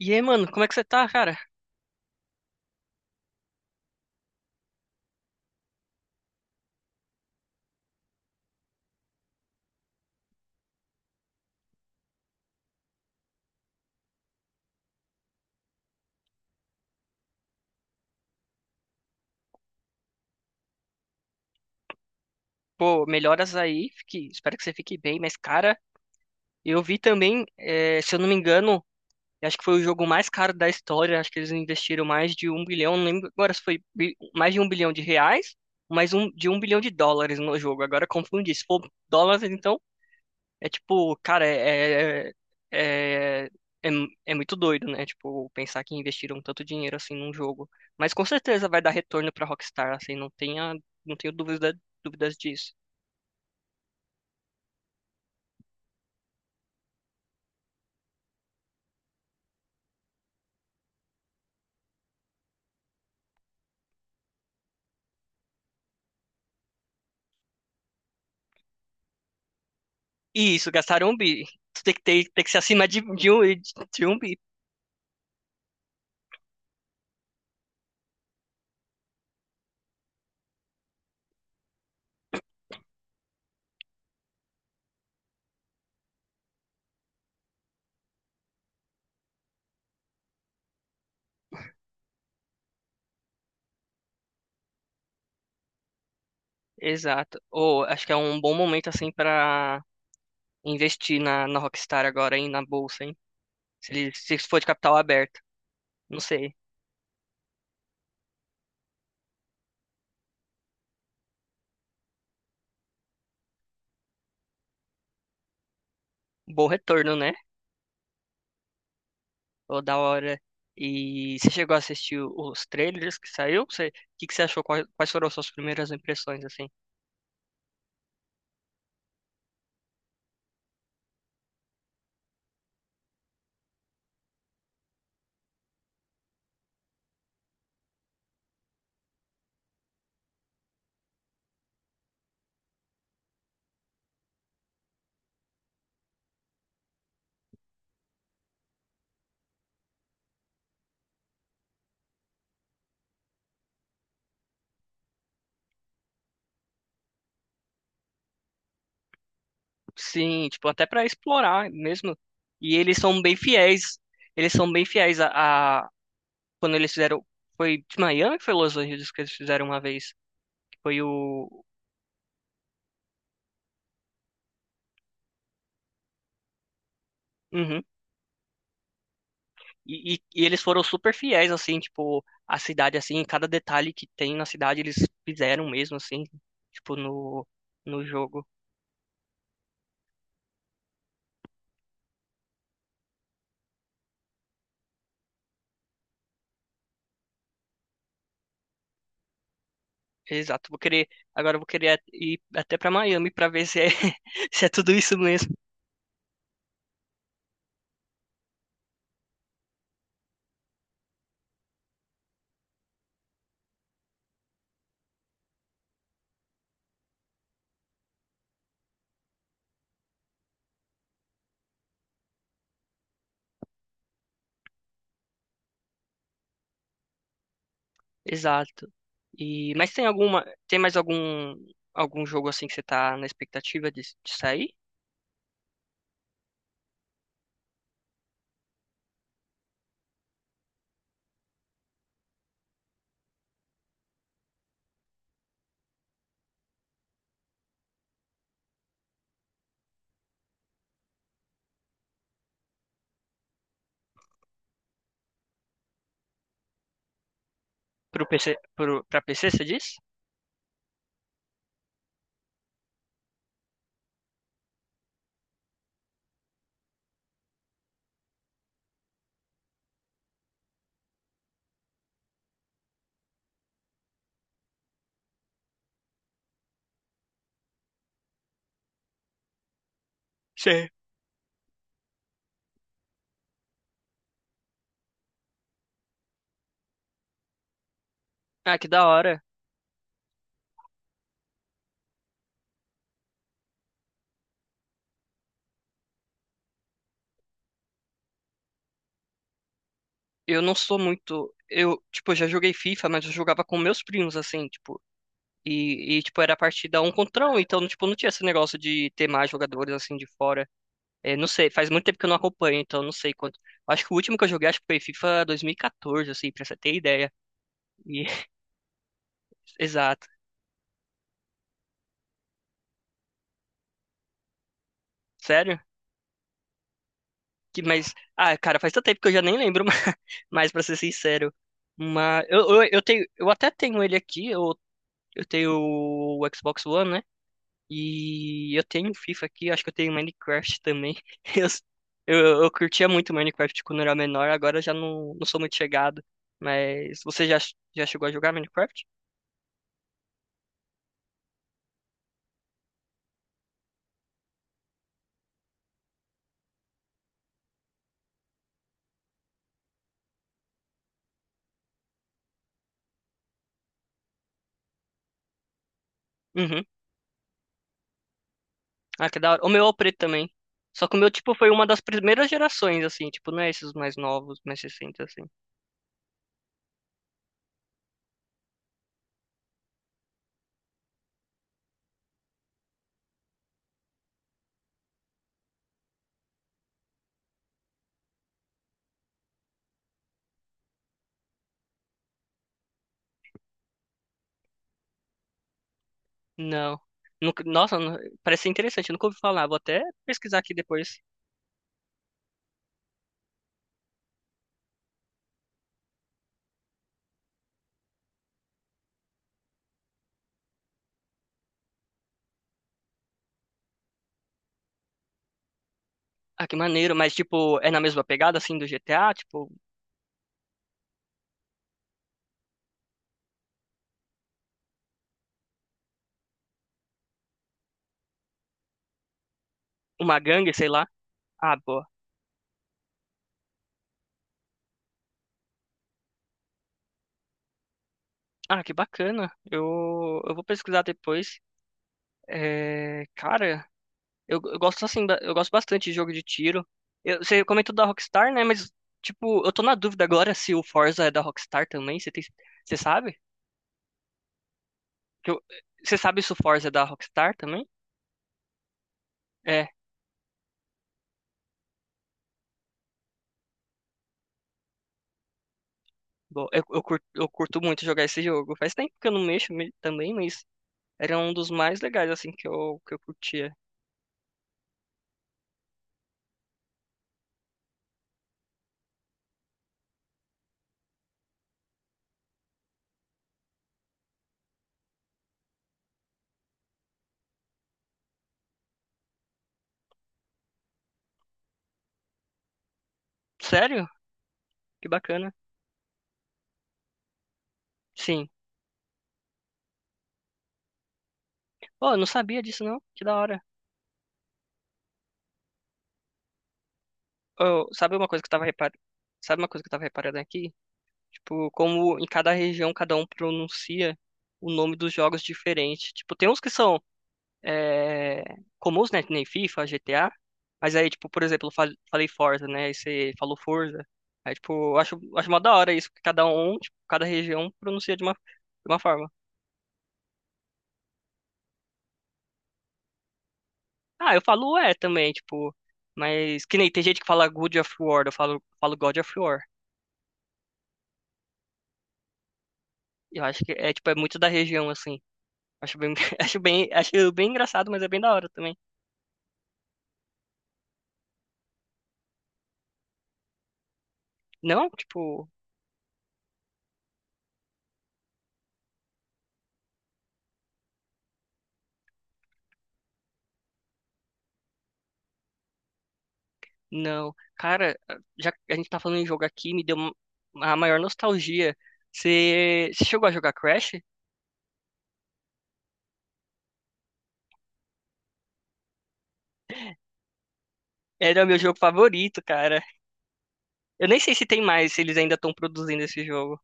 E aí, mano, como é que você tá, cara? Pô, melhoras aí, espero que você fique bem. Mas, cara, eu vi também, se eu não me engano, eu acho que foi o jogo mais caro da história. Acho que eles investiram mais de um bilhão, não lembro agora se foi mais de um bilhão de reais, de um bilhão de dólares no jogo. Agora confundi, se for dólares, então... É tipo, cara, é, é, é é muito doido, né? Tipo, pensar que investiram tanto dinheiro assim num jogo. Mas com certeza vai dar retorno pra Rockstar, assim, não tenho dúvidas disso. E isso, gastaram um bi. Tu tem que ter, tem que ser acima de um bi. Exato. Ou acho que é um bom momento, assim, pra investir na Rockstar agora, hein? Na bolsa, hein? Se for de capital aberto. Não sei. Bom retorno, né? Ô, da hora. E você chegou a assistir os trailers que saiu? Você, o que que você achou? Quais foram as suas primeiras impressões, assim? Sim, tipo, até pra explorar mesmo. E eles são bem fiéis. Eles são bem fiéis a- quando eles fizeram. Foi de Miami, que foi Los Angeles que eles fizeram uma vez. Que Foi o. Uhum. E eles foram super fiéis, assim, tipo, a cidade, assim, cada detalhe que tem na cidade eles fizeram mesmo, assim, tipo, no jogo. Exato, vou querer, agora eu vou querer ir até pra Miami pra ver se é, se é tudo isso mesmo. Exato. E mas tem alguma, tem mais algum jogo assim que você tá na expectativa de sair pro PC, pro para PC, você diz? Sim. Ah, que da hora. Eu não sou muito, eu, tipo, eu já joguei FIFA, mas eu jogava com meus primos assim, tipo, e tipo era partida um contra um, então tipo não tinha esse negócio de ter mais jogadores assim de fora. É, não sei, faz muito tempo que eu não acompanho, então não sei quanto. Acho que o último que eu joguei, acho que foi FIFA 2014, assim, pra você ter ideia. E- Exato. Sério? Que, mas, ah, cara, faz tanto tempo que eu já nem lembro mais, mas pra ser sincero. Mas, eu tenho, eu até tenho ele aqui, eu tenho o Xbox One, né? E eu tenho FIFA aqui, acho que eu tenho Minecraft também. Eu curtia muito Minecraft quando eu era menor, agora eu já não sou muito chegado. Mas, você já, já chegou a jogar Minecraft? Uhum. Ah, que da hora. O meu é o preto também. Só que o meu, tipo, foi uma das primeiras gerações, assim. Tipo, não é esses mais novos, mais recentes, assim. Não. Nossa, parece ser interessante. Eu nunca ouvi falar. Vou até pesquisar aqui depois. Ah, que maneiro. Mas, tipo, é na mesma pegada, assim, do GTA? Tipo, uma gangue, sei lá. Ah, boa. Ah, que bacana. Eu vou pesquisar depois. É, cara, eu gosto assim, eu gosto bastante de jogo de tiro. Você comentou da Rockstar, né? Mas, tipo, eu tô na dúvida agora se o Forza é da Rockstar também. Você tem, você sabe? Que eu- você sabe se o Forza é da Rockstar também? É, bom, eu curto muito jogar esse jogo. Faz tempo que eu não mexo também, mas era um dos mais legais, assim, que eu curtia. Sério? Que bacana. Sim. Pô, eu não sabia disso, não. Que da hora. Sabe uma coisa que eu tava reparando? Sabe uma coisa que eu tava reparando aqui? Tipo, como em cada região cada um pronuncia o nome dos jogos diferente. Tipo, tem uns que são é, comuns, né? que Nem FIFA, GTA. Mas aí, tipo, por exemplo, eu falei Forza, né? Aí você falou Forza. Aí, tipo, acho mó da hora isso, que cada um, tipo, cada região pronuncia de uma forma. Ah, eu falo é também, tipo. Mas que nem tem gente que fala God of War, eu falo God of War. Eu acho que é, tipo, é muito da região, assim. Acho bem, acho bem engraçado, mas é bem da hora também. Não, tipo, não. Cara, já que a gente tá falando em jogo aqui, me deu a maior nostalgia. Você chegou a jogar Crash? Era o meu jogo favorito, cara. Eu nem sei se tem mais, se eles ainda estão produzindo esse jogo.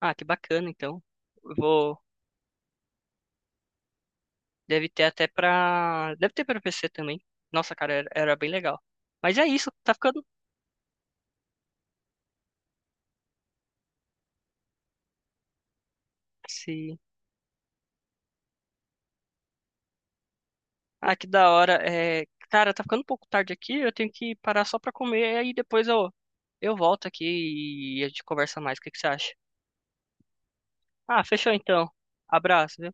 Ah, que bacana, então. Eu Vou, deve ter até pra, deve ter pra PC também. Nossa, cara, era bem legal. Mas é isso, tá ficando. Sim. Ah, que da hora. É, cara, tá ficando um pouco tarde aqui, eu tenho que parar só pra comer, aí depois eu volto aqui e a gente conversa mais. O que que você acha? Ah, fechou então. Abraço, viu?